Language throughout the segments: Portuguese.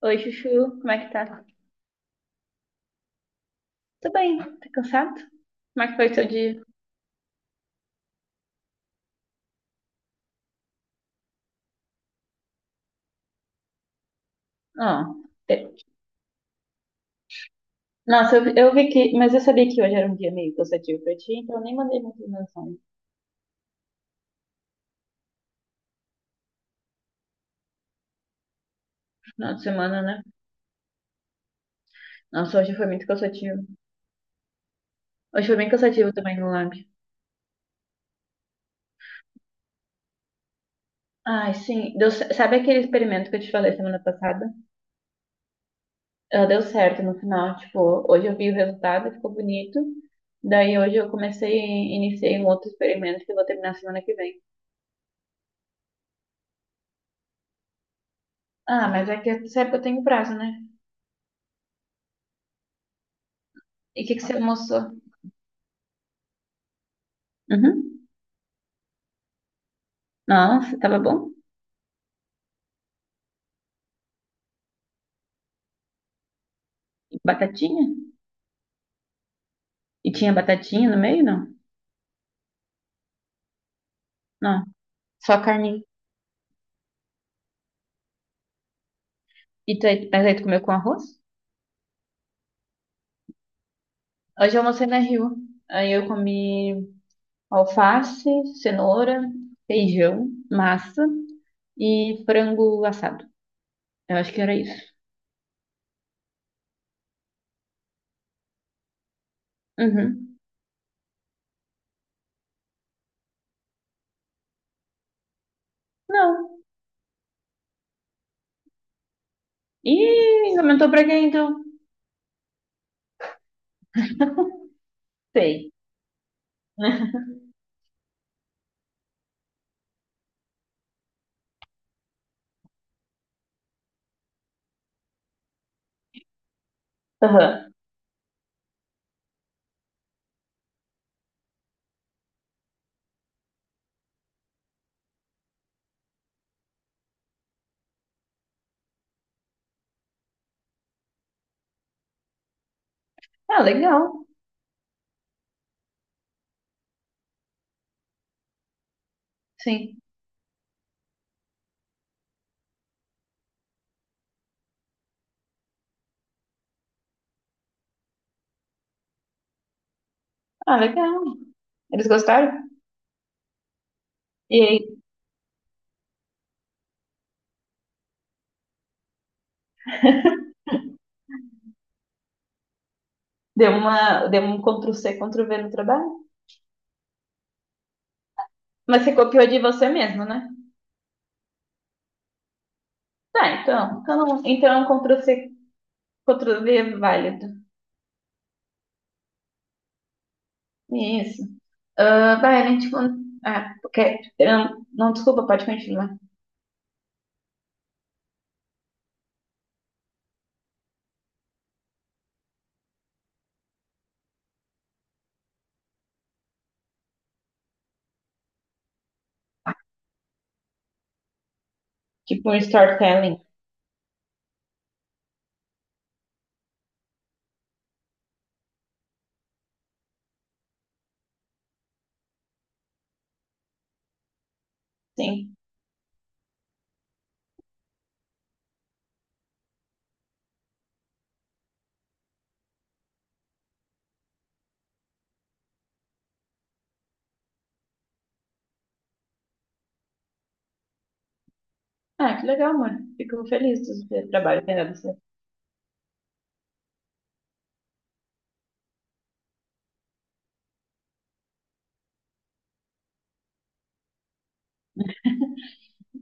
Oi, Chuchu, como é que tá? Tudo bem, tá cansado? Como é que foi o seu dia? Ah, pe- nossa, eu vi mas eu sabia que hoje era um dia meio cansativo pra ti, então eu nem mandei muita mensagem. Final de semana, né? Nossa, hoje foi muito cansativo. Hoje foi bem cansativo também no lab. Ai, sim, deu, sabe aquele experimento que eu te falei semana passada? Ah, deu certo no final, tipo, hoje eu vi o resultado, ficou bonito. Daí hoje eu iniciei um outro experimento que eu vou terminar semana que vem. Ah, mas é que sabe que eu tenho prazo, né? E o que que você almoçou? Uhum. Nossa, tava bom. E batatinha? E tinha batatinha no meio, não? Não, só carninha. Mas aí tu comeu com arroz? Hoje eu almocei na Rio. Aí eu comi alface, cenoura, feijão, massa e frango assado. Eu acho que era isso. Uhum. Não. Ih, comentou pra quem então? Sei. Aham. Ah, legal. Sim. Ah, legal. Eles gostaram? E aí, deu um Ctrl-C, Ctrl-V no trabalho? Mas você copiou de você mesmo, né? Tá, então. Então é um Ctrl C, Ctrl V válido. Isso. Ah, vai, a gente. Ah, porque. Não, não, desculpa, pode continuar. Tipo um storytelling. Sim. Ah, que legal, amor. Fico feliz do seu trabalho que era você.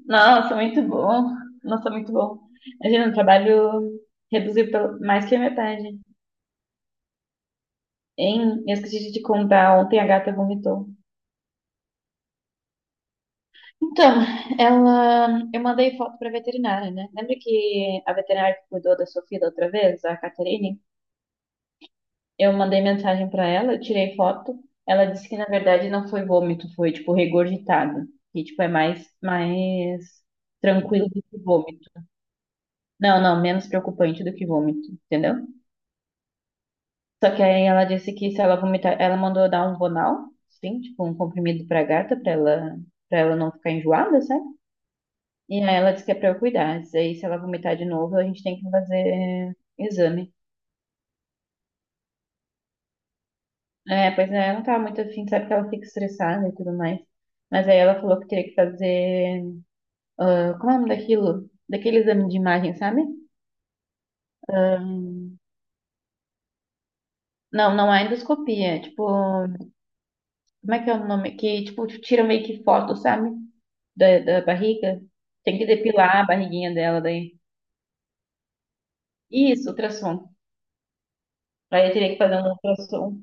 Nossa, muito bom. Nossa, muito bom. Imagina, um trabalho reduzido pelo mais que a metade. Hein? Eu esqueci de te contar, ontem a gata vomitou. Então, ela, eu mandei foto para veterinária, né? Lembra que a veterinária que cuidou da Sofia da outra vez, a Caterine? Eu mandei mensagem para ela, eu tirei foto. Ela disse que na verdade não foi vômito, foi tipo regurgitado, que tipo é mais tranquilo do que vômito. Não, não, menos preocupante do que vômito, entendeu? Só que aí ela disse que se ela vomitar, ela mandou dar um Vonal, sim, tipo um comprimido pra gata, para ela não ficar enjoada, sabe? E aí ela disse que é pra eu cuidar. Disse aí, se ela vomitar de novo, a gente tem que fazer exame. É, pois é, ela não tava muito afim, sabe que ela fica estressada e tudo mais. Mas aí ela falou que teria que fazer. Como é o nome daquilo? Daquele exame de imagem, sabe? Não, não é endoscopia. É tipo, como é que é o nome? Que, tipo, tira meio que foto, sabe? Da barriga. Tem que depilar a barriguinha dela daí. Isso, ultrassom. Aí eu teria que fazer um ultrassom.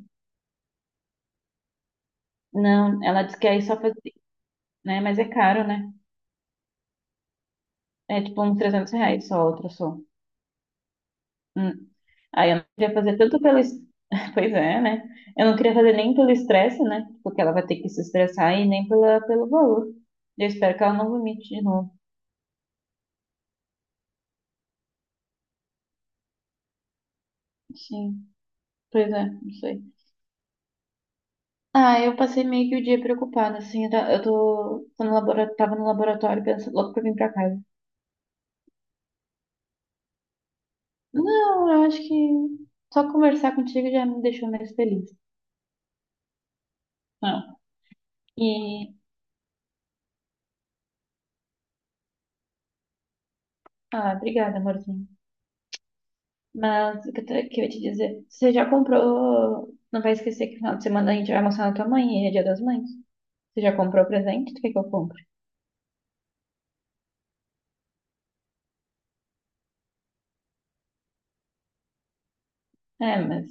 Não, ela disse que aí só fazer, né? Mas é caro, né? É tipo uns R$ 300 só, a ultrassom. Hum. Aí eu não queria fazer tanto pelo Pois é, né? Eu não queria fazer nem pelo estresse, né? Porque ela vai ter que se estressar e nem pelo valor. Eu espero que ela não vomite de novo. Sim, pois é, não sei. Ah, eu passei meio que o dia preocupada, assim. Eu tá- eu tô, tô no labora- Tava no laboratório pensando logo pra vir pra casa. Não, eu acho que só conversar contigo já me deixou mais feliz. Não. E. Ah, obrigada, amorzinho. Mas o que que eu ia te dizer? Você já comprou? Não vai esquecer que no final de semana a gente vai mostrar na tua mãe e é dia das mães. Você já comprou o presente? Tu quer que eu compre? É, mas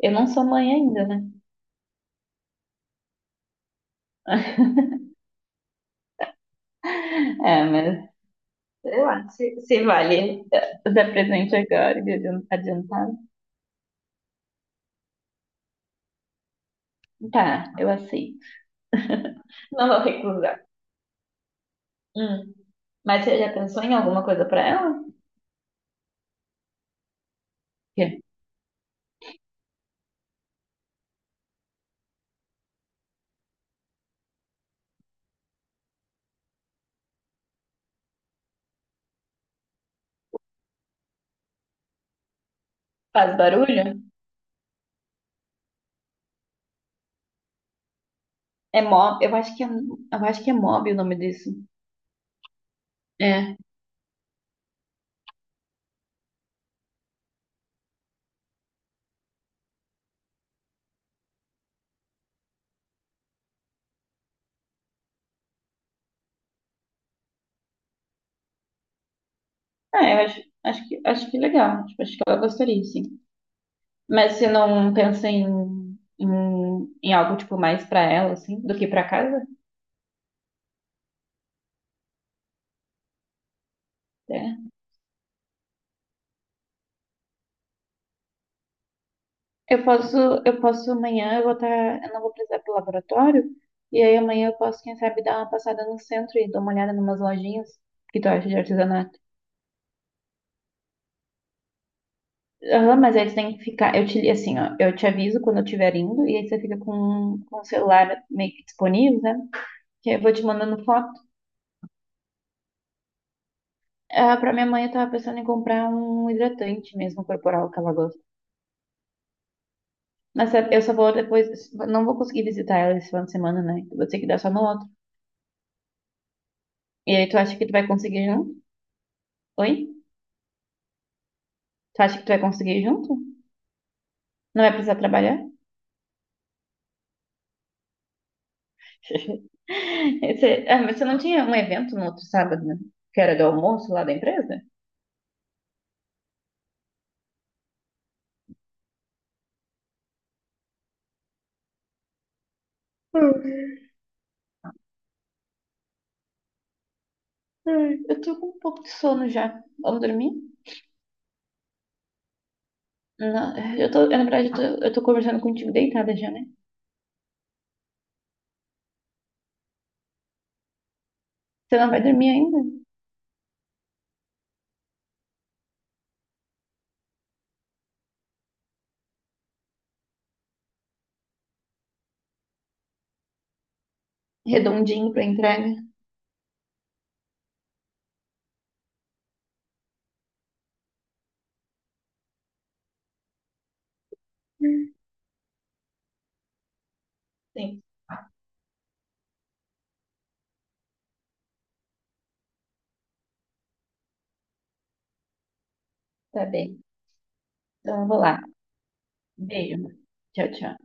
eu não sou mãe ainda, né? É, mas sei lá, se vale dar presente agora, de adiantado. Tá, eu aceito. Não vou recusar. Hum. Mas você já pensou em alguma coisa pra ela? Que faz barulho? É mob, eu acho que é mob o nome disso. É. É, eu acho, acho que legal. Tipo, acho que ela gostaria, sim. Mas você não pensa em, em, algo, tipo, mais pra ela, assim, do que pra casa? É. Eu posso, eu posso amanhã, eu não vou precisar ir pro laboratório, e aí amanhã eu posso, quem sabe, dar uma passada no centro e dar uma olhada em umas lojinhas que tu acha de artesanato. Aham, mas aí tu tem que ficar, assim, ó, eu te aviso quando eu estiver indo, e aí você fica com o celular meio que disponível, né? Que aí eu vou te mandando foto. Ah, pra minha mãe, eu tava pensando em comprar um hidratante mesmo corporal que ela gosta. Mas sabe, eu só vou depois. Não vou conseguir visitar ela esse final de semana, né? Vou ter que dar só no outro. E aí, tu acha que tu vai conseguir junto? Oi? Tu acha que tu vai conseguir junto? Não vai precisar trabalhar? Mas você não tinha um evento no outro sábado, né? Que era do almoço lá da empresa? Hum. Ai, eu tô com um pouco de sono já. Vamos dormir? Não, eu tô, na verdade, eu tô conversando contigo deitada já, né? Você não vai dormir ainda? Redondinho pra entrega. Sim. Tá bem. Então eu vou lá. Beijo. Tchau, tchau.